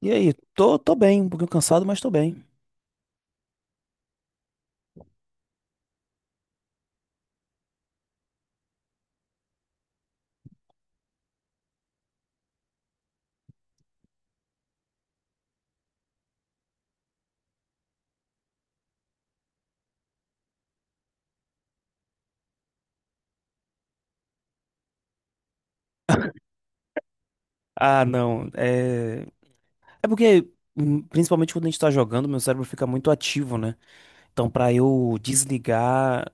E aí, tô bem, um pouquinho cansado, mas tô bem. Ah, não, é. É porque, principalmente quando a gente tá jogando, meu cérebro fica muito ativo, né? Então, pra eu desligar,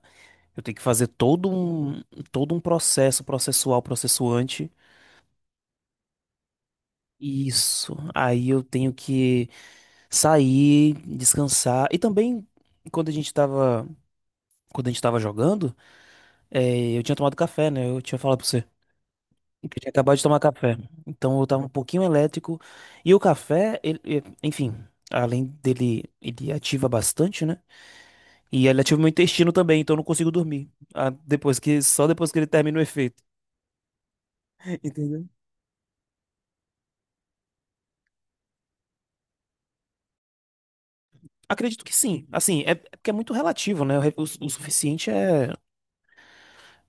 eu tenho que fazer todo um processo processual, processuante. Isso. Aí eu tenho que sair, descansar. E também, quando a gente tava, quando a gente tava jogando, eu tinha tomado café, né? Eu tinha falado pra você. Que Eu tinha acabado de tomar café. Então eu tava um pouquinho elétrico. E o café, enfim, além dele, ele ativa bastante, né? E ele ativa meu intestino também, então eu não consigo dormir. Ah, só depois que ele termina o efeito. Entendeu? Acredito que sim. Assim, é porque é muito relativo, né? O, re- o su- o suficiente é,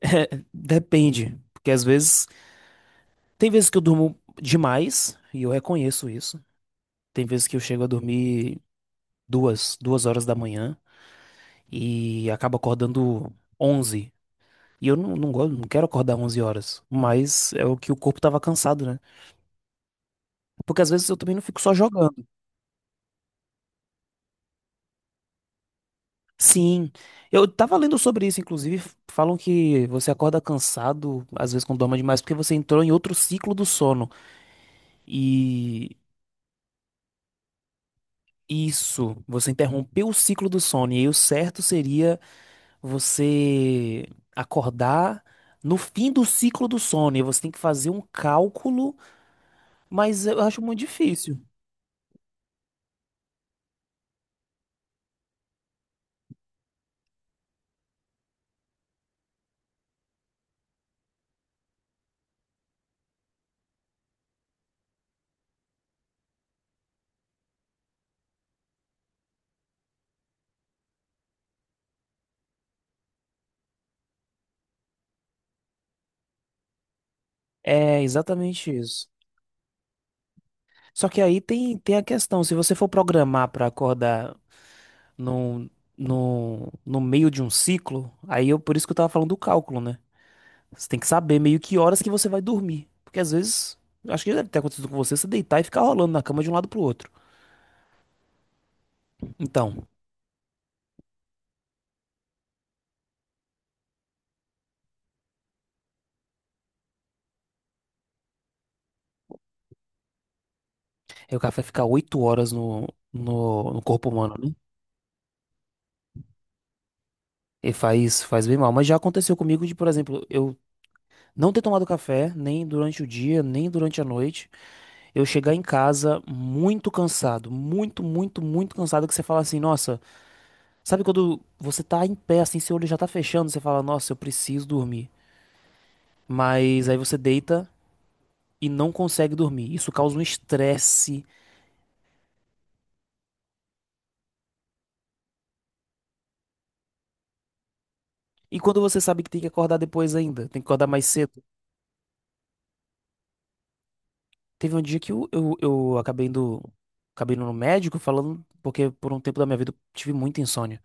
Depende. Porque às vezes. Tem vezes que eu durmo demais, e eu reconheço isso. Tem vezes que eu chego a dormir duas horas da manhã e acabo acordando 11. E eu não gosto, não quero acordar 11 horas. Mas é o que o corpo tava cansado, né? Porque às vezes eu também não fico só jogando. Sim, eu tava lendo sobre isso, inclusive, falam que você acorda cansado, às vezes quando dorme demais, porque você entrou em outro ciclo do sono. E isso, você interrompeu o ciclo do sono. E aí o certo seria você acordar no fim do ciclo do sono. E você tem que fazer um cálculo, mas eu acho muito difícil. É exatamente isso. Só que aí tem a questão, se você for programar para acordar no, no meio de um ciclo, por isso que eu tava falando do cálculo, né? Você tem que saber meio que horas que você vai dormir. Porque às vezes, eu acho que deve ter acontecido com você, você deitar e ficar rolando na cama de um lado pro outro. Então, aí o cara vai ficar 8 horas no corpo humano, né? E faz bem mal. Mas já aconteceu comigo de, por exemplo, eu não ter tomado café, nem durante o dia, nem durante a noite. Eu chegar em casa muito cansado, muito, muito, muito cansado, que você fala assim, nossa. Sabe quando você tá em pé, assim, seu olho já tá fechando, você fala, nossa, eu preciso dormir. Mas aí você deita e não consegue dormir. Isso causa um estresse. E quando você sabe que tem que acordar depois ainda, tem que acordar mais cedo. Teve um dia que eu acabei indo no médico falando, porque por um tempo da minha vida eu tive muita insônia.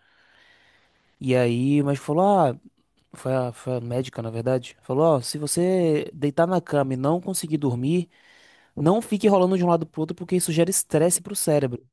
E aí, mas falou, ah, foi a médica, na verdade, falou, ó, se você deitar na cama e não conseguir dormir, não fique rolando de um lado pro outro, porque isso gera estresse pro cérebro.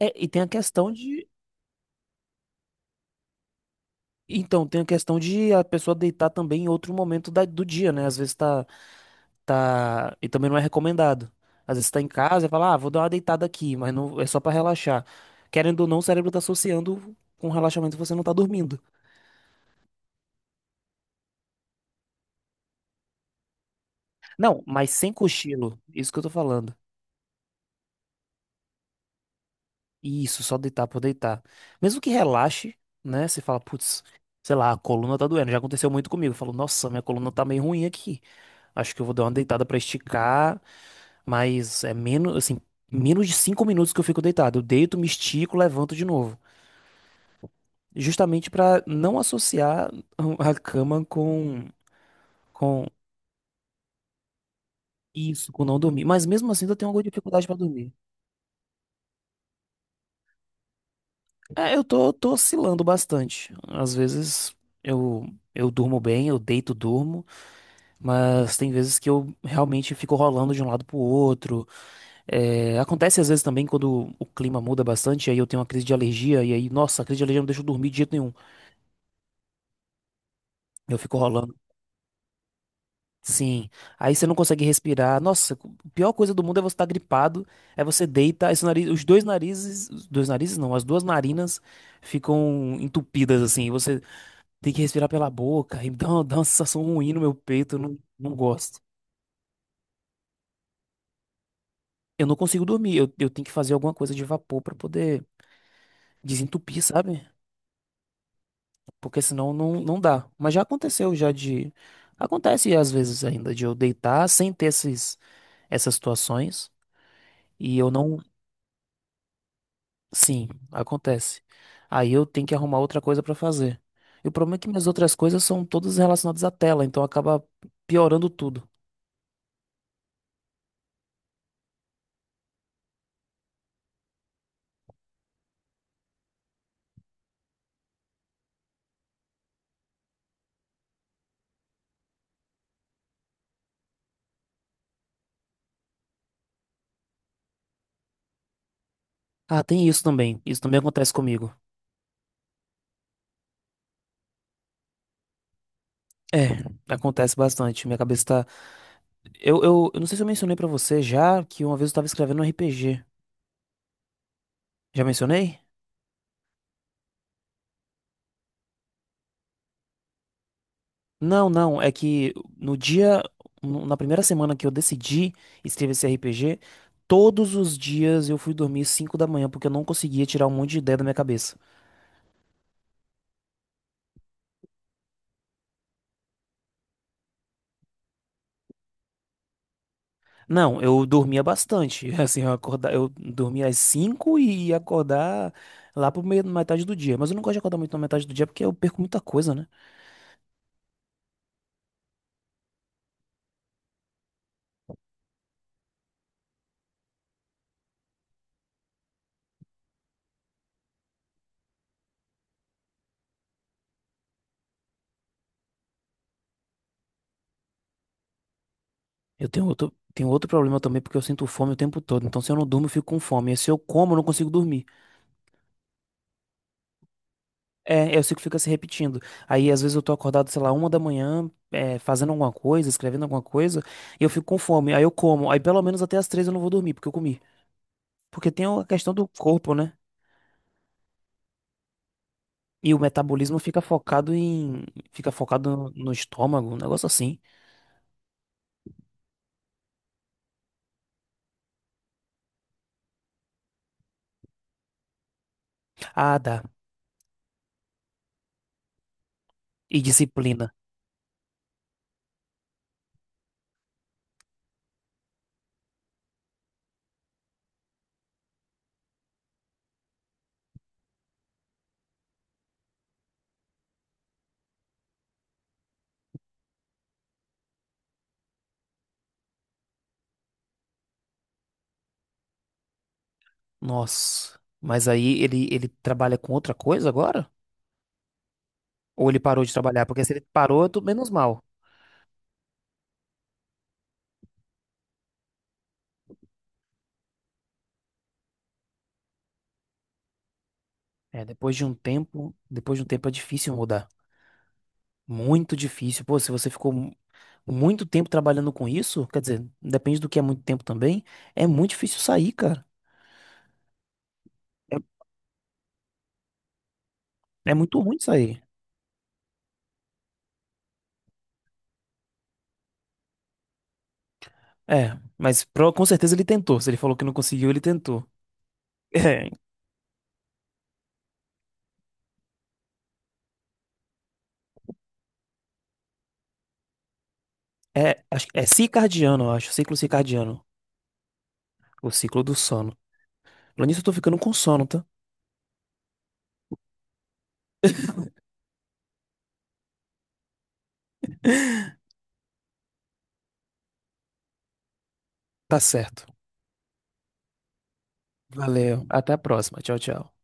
É, e tem a questão de. Então, tem a questão de a pessoa deitar também em outro momento do dia, né? Às vezes tá, tá. E também não é recomendado. Às vezes tá em casa e fala, ah, vou dar uma deitada aqui, mas não é só pra relaxar. Querendo ou não, o cérebro tá associando com relaxamento você não tá dormindo. Não, mas sem cochilo. Isso que eu tô falando. Isso, só deitar por deitar. Mesmo que relaxe, né? Você fala, putz, sei lá, a coluna tá doendo. Já aconteceu muito comigo. Eu falo, nossa, minha coluna tá meio ruim aqui. Acho que eu vou dar uma deitada pra esticar, mas é menos, assim, menos de 5 minutos que eu fico deitado. Eu deito, me estico, levanto de novo. Justamente pra não associar a cama com isso, com não dormir. Mas mesmo assim, eu tenho alguma dificuldade pra dormir. É, eu tô oscilando bastante. Às vezes eu, eu durmo bem, eu deito, durmo, mas tem vezes que eu realmente fico rolando de um lado pro outro. É, acontece às vezes também quando o clima muda bastante, aí eu tenho uma crise de alergia, e aí, nossa, a crise de alergia não deixa eu dormir de jeito nenhum. Eu fico rolando. Sim. Aí você não consegue respirar. Nossa, a pior coisa do mundo é você estar gripado, aí você deita, aí seu nariz, os dois narizes não, as duas narinas ficam entupidas assim, e você. Tem que respirar pela boca. E dá uma sensação ruim no meu peito. Eu não gosto. Eu não consigo dormir. Eu tenho que fazer alguma coisa de vapor pra poder desentupir, sabe? Porque senão não dá. Mas já aconteceu já de. Acontece às vezes ainda de eu deitar sem ter essas situações. E eu não. Sim, acontece. Aí eu tenho que arrumar outra coisa pra fazer. E o problema é que minhas outras coisas são todas relacionadas à tela, então acaba piorando tudo. Ah, tem isso também. Isso também acontece comigo. É, acontece bastante. Minha cabeça tá. Eu não sei se eu mencionei pra você já que uma vez eu tava escrevendo um RPG. Já mencionei? Não, não. É que no dia. Na primeira semana que eu decidi escrever esse RPG, todos os dias eu fui dormir 5 da manhã porque eu não conseguia tirar um monte de ideia da minha cabeça. Não, eu dormia bastante. Assim, eu dormia às 5 e ia acordar lá por metade do dia. Mas eu não gosto de acordar muito na metade do dia porque eu perco muita coisa, né? Eu tenho outro problema também, porque eu sinto fome o tempo todo. Então, se eu não durmo, eu fico com fome. E se eu como, eu não consigo dormir. É, eu sei que fica se repetindo. Aí, às vezes, eu tô acordado, sei lá, 1 da manhã, fazendo alguma coisa, escrevendo alguma coisa, e eu fico com fome. Aí eu como. Aí, pelo menos até as 3 eu não vou dormir, porque eu comi. Porque tem a questão do corpo, né? E o metabolismo fica focado em. Fica focado no estômago, um negócio assim. Ah, dá. E disciplina. Nossa, mas aí ele trabalha com outra coisa agora? Ou ele parou de trabalhar? Porque se ele parou, é tudo menos mal. É, depois de um tempo, depois de um tempo é difícil mudar. Muito difícil. Pô, se você ficou muito tempo trabalhando com isso, quer dizer, depende do que é muito tempo também, é muito difícil sair, cara. É, é muito ruim sair. É, mas com certeza ele tentou. Se ele falou que não conseguiu, ele tentou. É, é, acho, que é circadiano, eu acho, ciclo circadiano, o ciclo do sono. Falando nisso, eu tô ficando com sono, tá? Tá certo. Valeu, até a próxima. Tchau, tchau.